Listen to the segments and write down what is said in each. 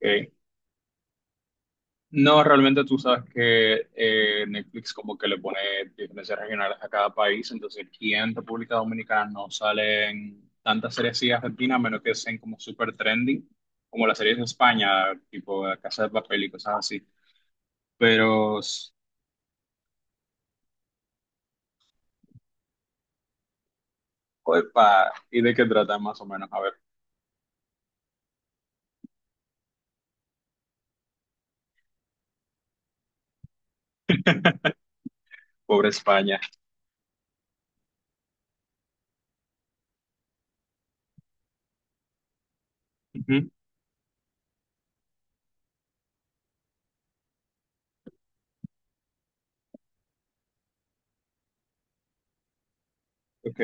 Ok. No, realmente tú sabes que Netflix como que le pone diferencias regionales a cada país, entonces aquí en República Dominicana no salen tantas series así argentinas, a menos que sean como super trending, como las series de España, tipo La Casa de Papel y cosas así. Pero, s- opa, ¿y de qué trata más o menos? A ver, pobre España. Ujú, Ok.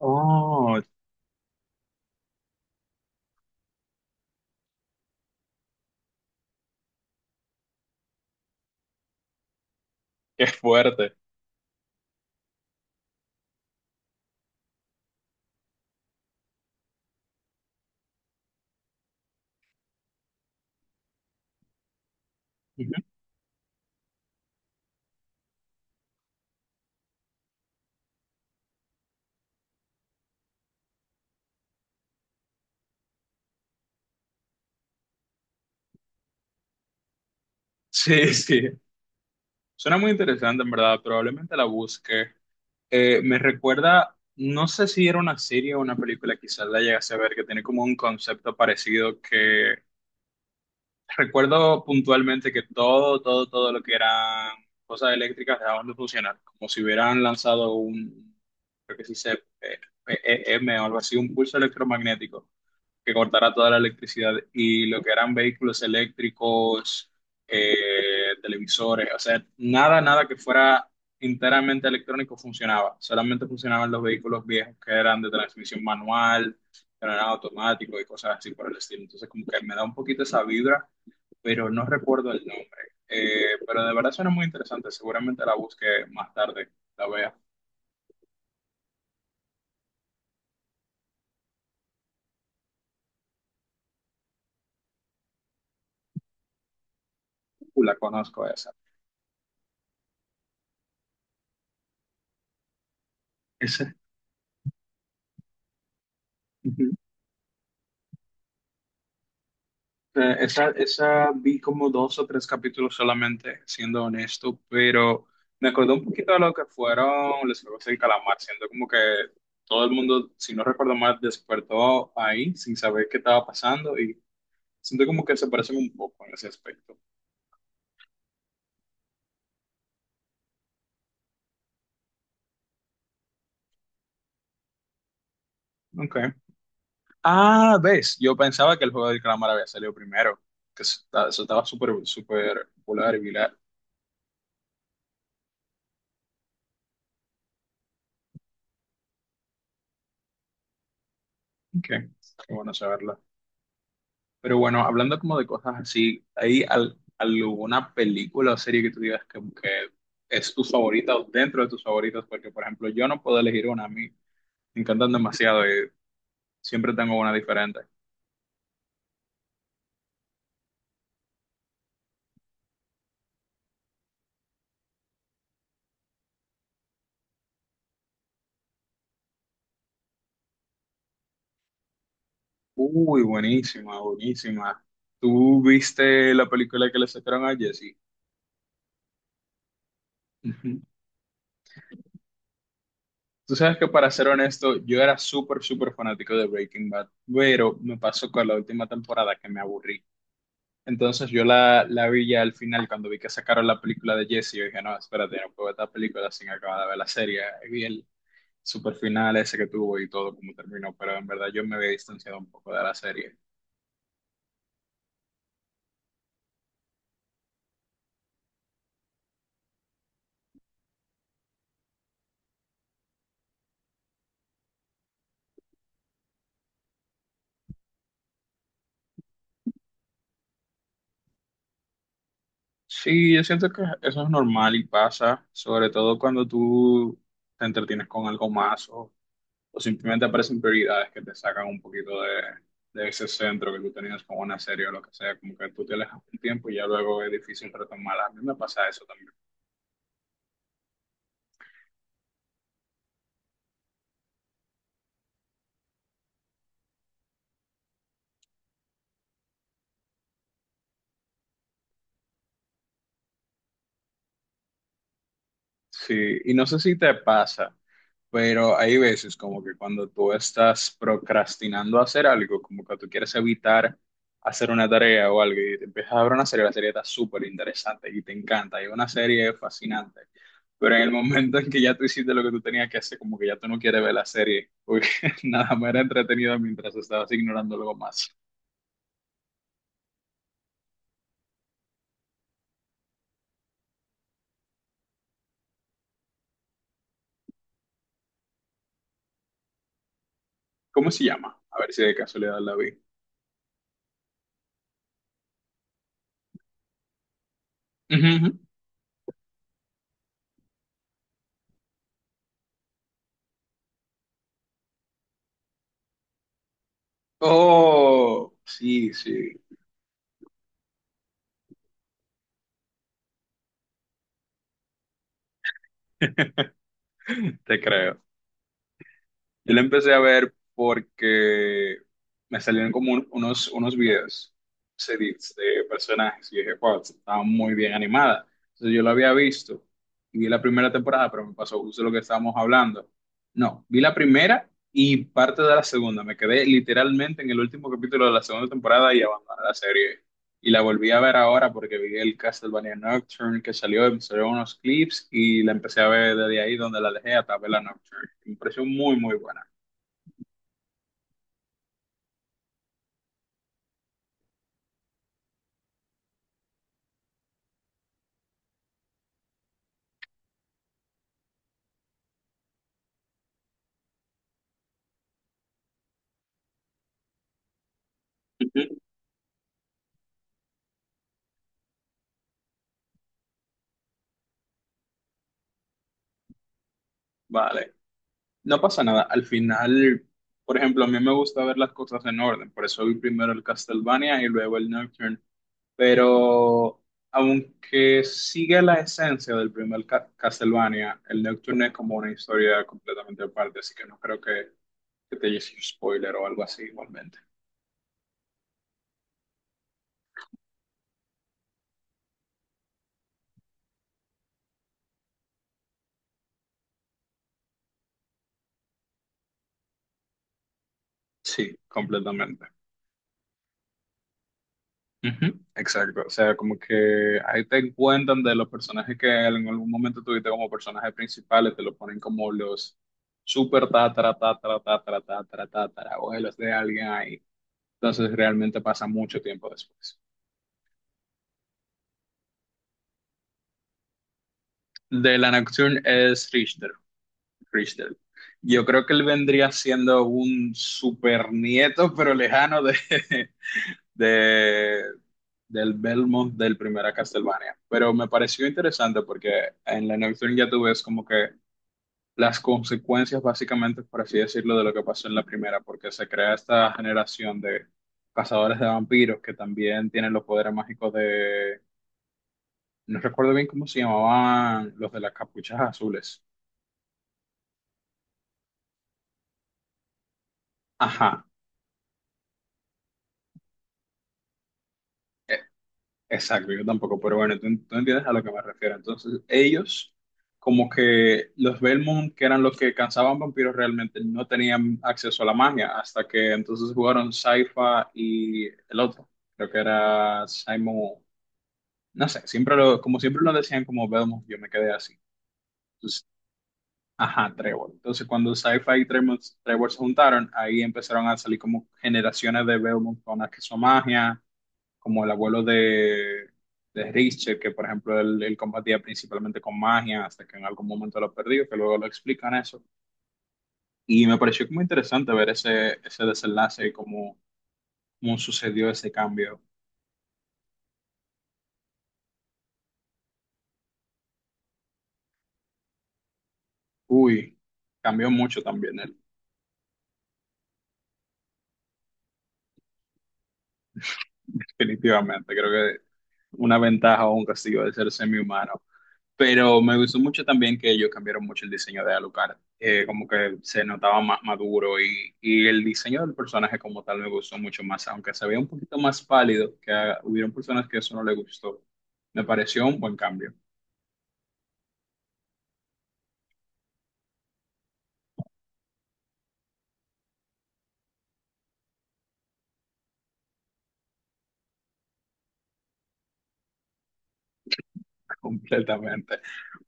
Oh, qué fuerte. Ujú. Sí, sí. Suena muy interesante, en verdad. Probablemente la busque. Me recuerda, no sé si era una serie o una película, quizás la llegase a ver, que tiene como un concepto parecido que recuerdo puntualmente que todo lo que eran cosas eléctricas dejaban de funcionar, como si hubieran lanzado un, creo que se dice, PEM o algo así, un pulso electromagnético que cortara toda la electricidad y lo que eran vehículos eléctricos, eh, televisores, o sea, nada que fuera enteramente electrónico funcionaba. Solamente funcionaban los vehículos viejos que eran de transmisión manual, que no eran automáticos y cosas así por el estilo. Entonces, como que me da un poquito esa vibra, pero no recuerdo el nombre. Pero de verdad suena muy interesante. Seguramente la busque más tarde, la vea. La conozco esa. Esa. Esa vi como dos o tres capítulos solamente, siendo honesto, pero me acordó un poquito de lo que fueron los Juegos del Calamar, siendo como que todo el mundo, si no recuerdo mal, despertó ahí sin saber qué estaba pasando y siento como que se parecen un poco en ese aspecto. Okay. Ah, ves, yo pensaba que el Juego del Calamar había salido primero, que eso, está- eso estaba súper popular y viral. Okay. Qué bueno saberlo. Pero bueno, hablando como de cosas así, ¿hay al- alguna película o serie que tú digas que es tu favorita o dentro de tus favoritas? Porque, por ejemplo, yo no puedo elegir una, a mí me encantan demasiado y siempre tengo una diferente. Uy, buenísima. ¿Tú viste la película que le sacaron a Jesse? Ujú. Tú sabes que para ser honesto, yo era súper fanático de Breaking Bad, pero me pasó con la última temporada que me aburrí. Entonces yo la vi ya al final cuando vi que sacaron la película de Jesse, yo dije, no, espérate, no puedo ver esta película sin acabar de ver la serie. Y vi el super final ese que tuvo y todo como terminó, pero en verdad yo me había distanciado un poco de la serie. Sí, yo siento que eso es normal y pasa, sobre todo cuando tú te entretienes con algo más o simplemente aparecen prioridades que te sacan un poquito de ese centro que tú tenías con una serie o lo que sea, como que tú te alejas un tiempo y ya luego es difícil retomarla. A mí me pasa eso también. Sí, y no sé si te pasa, pero hay veces como que cuando tú estás procrastinando hacer algo, como que tú quieres evitar hacer una tarea o algo, y te empiezas a ver una serie, la serie está súper interesante y te encanta, y una serie es fascinante, pero en el momento en que ya tú hiciste lo que tú tenías que hacer, como que ya tú no quieres ver la serie, porque nada más era entretenida mientras estabas ignorando algo más. ¿Cómo se llama? A ver si de casualidad la vi. Ujú. Oh, sí, sí, te creo. Yo la empecé a ver porque me salieron como un- unos videos, se dice, de personajes. Y yo dije, wow, estaba muy bien animada. Entonces yo la había visto y vi la primera temporada, pero me pasó justo lo que estábamos hablando. No, vi la primera y parte de la segunda. Me quedé literalmente en el último capítulo de la segunda temporada y abandoné la serie. Y la volví a ver ahora porque vi el Castlevania Nocturne que salió, me salieron unos clips y la empecé a ver desde ahí donde la dejé hasta ver la Nocturne. Me pareció muy buena. Ujú. Vale, no pasa nada. Al final, por ejemplo, a mí me gusta ver las cosas en orden, por eso vi primero el Castlevania y luego el Nocturne. Pero aunque sigue la esencia del primer Ca- Castlevania, el Nocturne es como una historia completamente aparte, así que no creo que te hiciese un spoiler o algo así igualmente. Sí, completamente. Ujú, exacto, o sea, como que ahí te encuentran de los personajes que en algún momento tuviste como personajes principales, te lo ponen como los super tatara, abuelos de alguien ahí. Entonces realmente pasa mucho tiempo después. De la Nocturne es Richter, Richter. Yo creo que él vendría siendo un super nieto, pero lejano de, de, del Belmont del primera Castlevania. Pero me pareció interesante porque en la Nocturne ya tú ves como que las consecuencias, básicamente, por así decirlo, de lo que pasó en la primera, porque se crea esta generación de cazadores de vampiros que también tienen los poderes mágicos de. No recuerdo bien cómo se llamaban los de las capuchas azules. Ajá. Exacto, yo tampoco, pero bueno, tú entiendes a lo que me refiero. Entonces, ellos, como que los Belmont, que eran los que cansaban vampiros, realmente no tenían acceso a la magia, hasta que entonces jugaron Sypha y el otro, creo que era Simon, no sé, siempre como siempre lo decían como Belmont, yo me quedé así. Entonces, ajá, Trevor. Entonces, cuando Sypha y Tremor- Trevor, se juntaron, ahí empezaron a salir como generaciones de Belmont con acceso a magia como el abuelo de Richter, que por ejemplo él combatía principalmente con magia, hasta que en algún momento lo perdió, que luego lo explican eso. Y me pareció como interesante ver ese desenlace y cómo, cómo sucedió ese cambio. Uy, cambió mucho también él, definitivamente. Creo que una ventaja o un castigo de ser semi-humano. Pero me gustó mucho también que ellos cambiaron mucho el diseño de Alucard. Como que se notaba más maduro y el diseño del personaje como tal me gustó mucho más, aunque se veía un poquito más pálido, que ah, hubieron personas que eso no les gustó. Me pareció un buen cambio, completamente.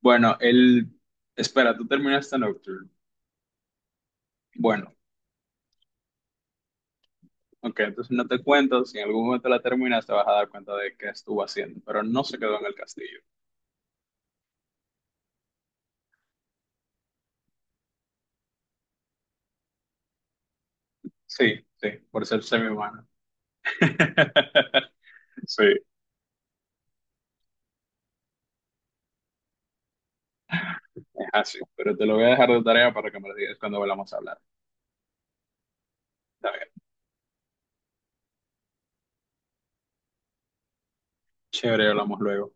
Bueno, el... Espera, tú terminaste Nocturne. Bueno, ok, entonces no te cuento, si en algún momento la terminas te vas a dar cuenta de qué estuvo haciendo, pero no se quedó en el castillo. Sí, sí, por ser semi-humano. Sí. Es así, pero te lo voy a dejar de tarea para que me lo digas cuando volvamos a hablar. Está bien, chévere, hablamos luego.